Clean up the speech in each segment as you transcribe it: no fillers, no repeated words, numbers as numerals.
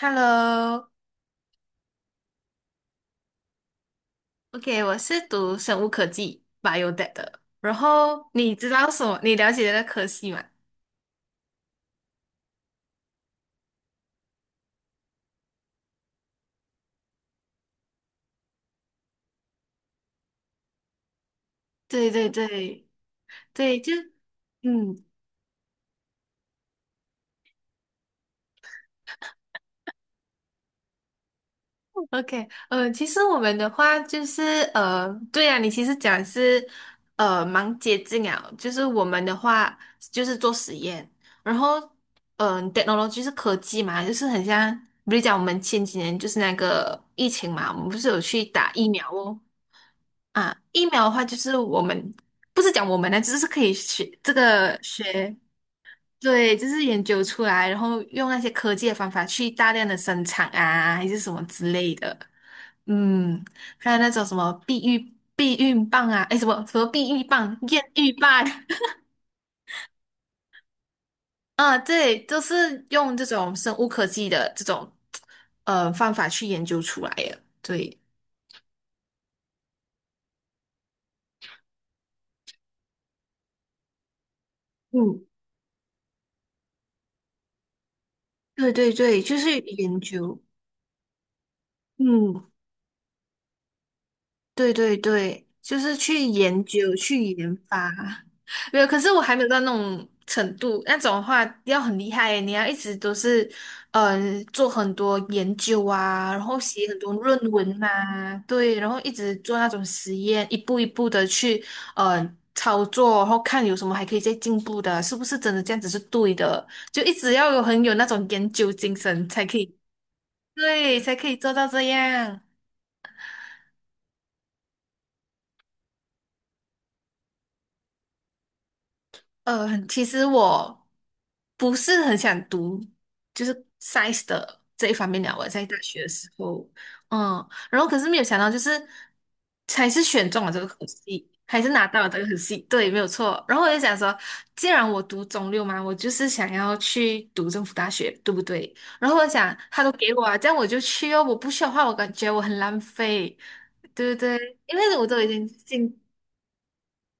Hello，OK，我是读生物科技 Biotech 的。然后你知道什么？你了解的科系吗？对对对对，就嗯，OK，其实我们的话就是对啊，你其实讲是蛮接治疗，就是我们的话就是做实验，然后，technology 是科技嘛，就是很像，比如讲我们前几年就是那个疫情嘛，我们不是有去打疫苗哦。啊，疫苗的话就是我们不是讲我们呢，就是可以学这个学，对，就是研究出来，然后用那些科技的方法去大量的生产啊，还是什么之类的。嗯，还有那种什么避孕棒啊，诶，什么避孕棒、验孕棒，啊，对，都是用这种生物科技的这种方法去研究出来的。对，嗯，对对对，就是研究。嗯，对对对，就是去研究、去研发。没有，可是我还没有到那种程度，那种的话要很厉害耶你要一直都是，做很多研究啊，然后写很多论文啊，对，然后一直做那种实验，一步一步的去，操作，然后看有什么还可以再进步的啊，是不是真的这样子是对的？就一直要很有那种研究精神，才可以，对，才可以做到这样。其实我不是很想读，就是 science 的这一方面了。我在大学的时候，嗯，然后可是没有想到，就是还是选中了这个科系，还是拿到了这个科系，对，没有错。然后我就想说，既然我读中六嘛，我就是想要去读政府大学，对不对？然后我想，他都给我啊，这样我就去哦。我不去的话，我感觉我很浪费，对不对？因为我都已经进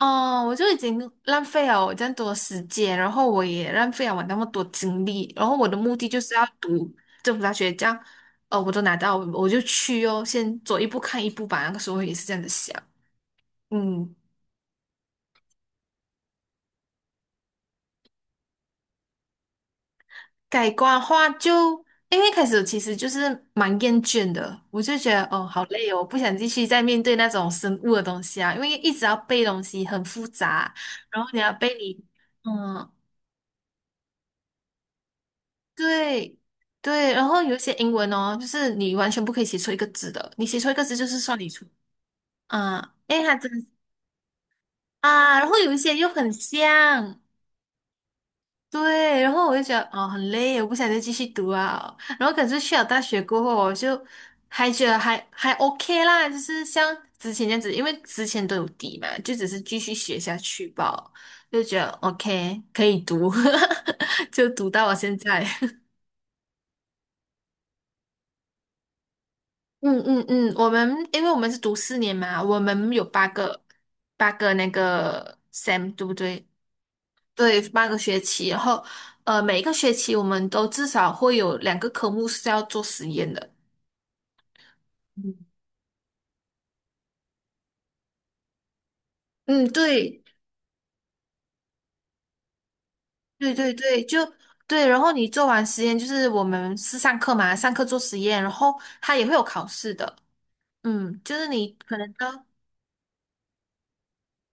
哦，我就已经浪费了我这样多的时间，然后我也浪费了我那么多精力，然后我的目的就是要读政府大学，这样，哦，我都拿到，我就去哦，先走一步看一步吧。那个时候也是这样子想，嗯，改观的话就，因为一开始其实就是蛮厌倦的，我就觉得哦，好累哦，我不想继续再面对那种生物的东西啊，因为一直要背东西很复杂，然后你要背你。嗯，对对，然后有一些英文哦，就是你完全不可以写错一个字的，你写错一个字就是算你错啊。诶，还真啊，然后有一些又很像，对，然后我就觉得哦很累，我不想再继续读啊。然后可是去了大学过后，我就还觉得还 OK 啦，就是像之前这样子，因为之前都有底嘛，就只是继续学下去吧，就觉得 OK 可以读，就读到了现在。嗯嗯嗯，我们因为我们是读4年嘛，我们有八个那个 sem，对不对？对，8个学期，然后每一个学期我们都至少会有2个科目是要做实验的。嗯嗯，对，对对对，就对。然后你做完实验，就是我们是上课嘛，上课做实验，然后它也会有考试的。嗯，就是你可能到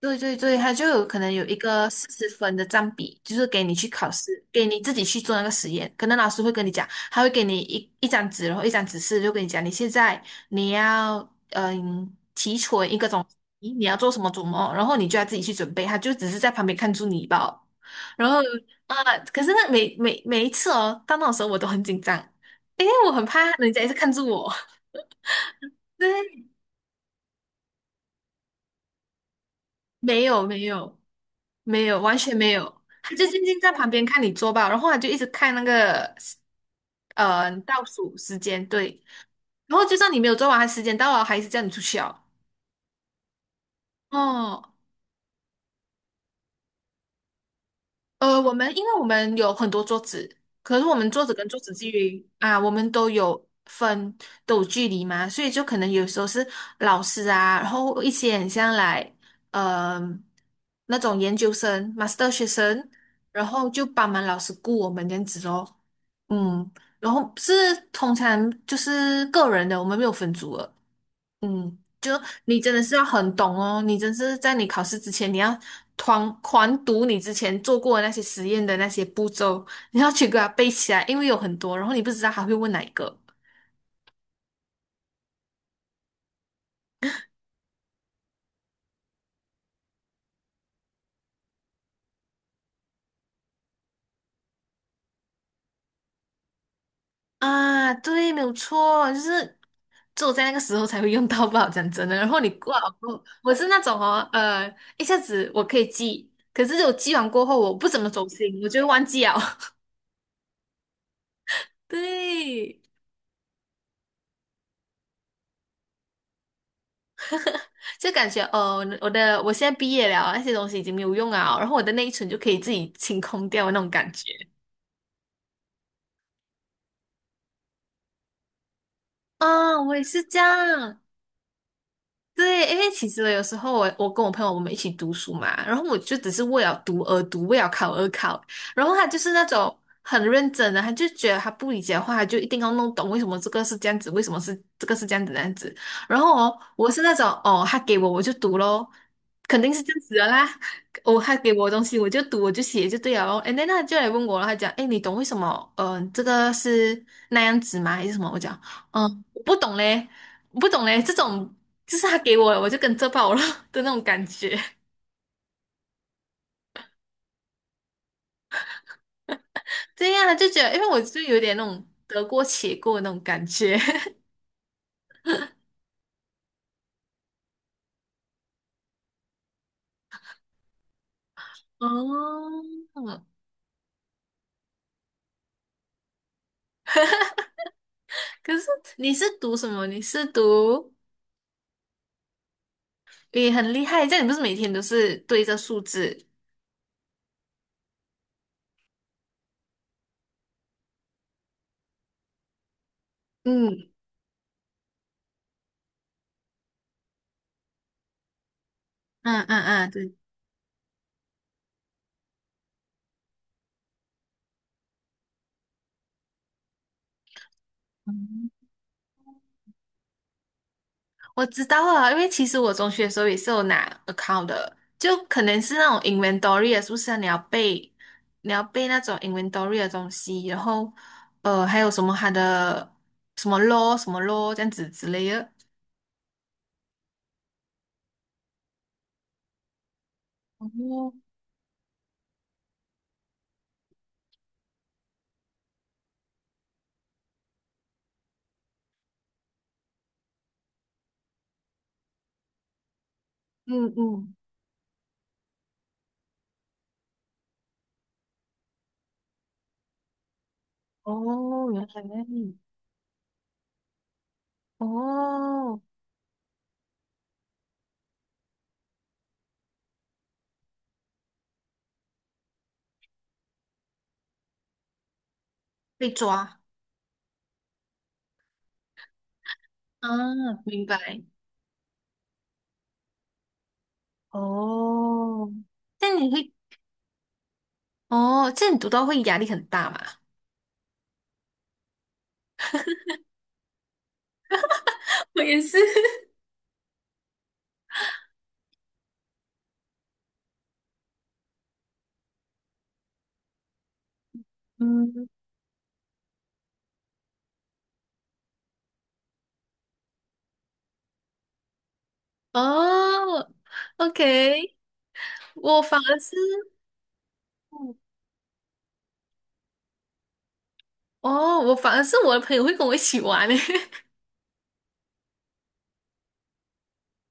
对对对，他就有可能有一个40分的占比，就是给你去考试，给你自己去做那个实验。可能老师会跟你讲，他会给你一张纸，然后一张指示，就跟你讲，你现在你要提纯一个种，西，你要做什么做什么，然后你就要自己去准备。他就只是在旁边看住你吧。然后啊、可是那每一次哦，到那种时候我都很紧张，因为我很怕人家一直看住我。对。没有没有没有，完全没有，他就静静在旁边看你做吧，然后他就一直看那个倒数时间，对，然后就算你没有做完，他时间到了，还是叫你出去哦。哦，我们因为我们有很多桌子，可是我们桌子跟桌子距离啊，我们都有距离嘛，所以就可能有时候是老师啊，然后一些很像来呃那种研究生、master 学生，然后就帮忙老师顾我们这样子哦，嗯，然后是通常就是个人的，我们没有分组的。就你真的是要很懂哦，你真是在你考试之前，你要团狂读你之前做过的那些实验的那些步骤，你要去给它背起来，因为有很多，然后你不知道他会问哪一个啊。对，没有错，就是只有在那个时候才会用到不吧，讲真的。然后你过好过，我是那种哦，一下子我可以记，可是我记完过后我不怎么走心，我就会忘记了。对。就感觉哦，我现在毕业了，那些东西已经没有用啊，然后我的内存就可以自己清空掉那种感觉。啊，我也是这样。对，因为其实有时候我跟我朋友我们一起读书嘛，然后我就只是为了读而读，为了考而考，然后他就是那种很认真的，他就觉得他不理解的话，他就一定要弄懂为什么这个是这样子，为什么是这个是这样子那样子。然后哦，我是那种哦，他给我我就读咯，肯定是这样子的啦。哦，他给我的东西我就读我就写就对了咯。And then 他就来问我了，他讲，哎，你懂为什么？嗯、这个是那样子吗？还是什么？我讲，嗯，我不懂嘞。我不懂嘞，这种就是他给我了我就跟着跑了的那种感觉。对呀，他就觉得，因为我就有点那种得过且过的那种感觉。哦，可是你是读什么？你是读也很厉害，这样你不是每天都是对着数字？嗯嗯嗯嗯，对。我知道啊，因为其实我中学的时候也是有拿 account 的，就可能是那种 inventory 的，是不是啊？你要背那种 inventory 的东西，然后还有什么它的什么 law 什么 law 这样子之类的。哦，嗯嗯，哦，原来哦，被抓啊，明白。哦，这样你会，哦，这样你读到会压力很大嘛？我也是。嗯。哦，OK，我反而是，哦，我反而是我的朋友会跟我一起玩诶。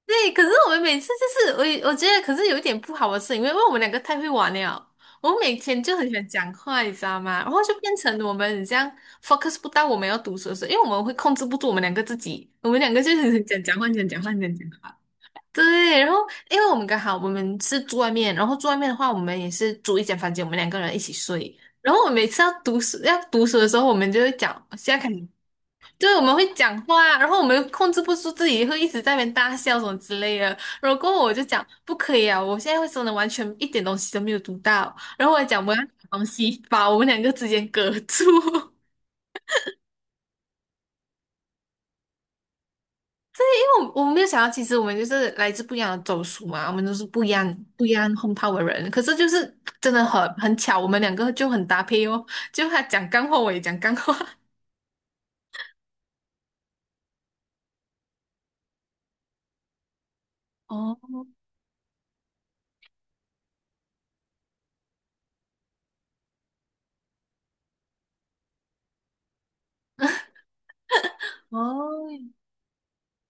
对，可是我们每次就是我觉得，可是有一点不好的是，因为我们两个太会玩了，我们每天就很喜欢讲话，你知道吗？然后就变成我们这样 focus 不到我们要读书的时候，因为我们会控制不住我们两个自己，我们两个就是很想讲话，很想讲话，很想讲话。对，然后因为我们刚好我们是住外面，然后住外面的话，我们也是租一间房间，我们两个人一起睡。然后我们每次要读书的时候，我们就会讲，现在肯定对，我们会讲话，然后我们又控制不住自己，会一直在那边大笑什么之类的。然后过后我就讲不可以啊，我现在会真的完全一点东西都没有读到。然后我还讲我要拿东西把我们两个之间隔住。我们没有想到，其实我们就是来自不一样的走属嘛，我们都是不一样不一样轰炮的人。可是就是真的很巧，我们两个就很搭配哦。就他讲干货，我也讲干货。哦哦，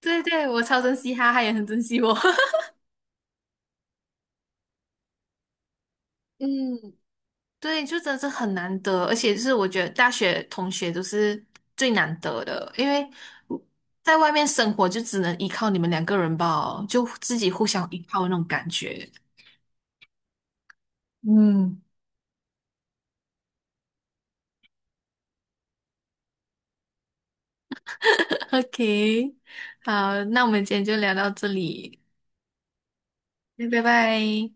对对，我超珍惜他，他也很珍惜我。嗯，对，就真的是很难得，而且是我觉得大学同学都是最难得的，因为在外面生活就只能依靠你们两个人吧，就自己互相依靠的那种感觉。嗯。OK，好，那我们今天就聊到这里，拜拜。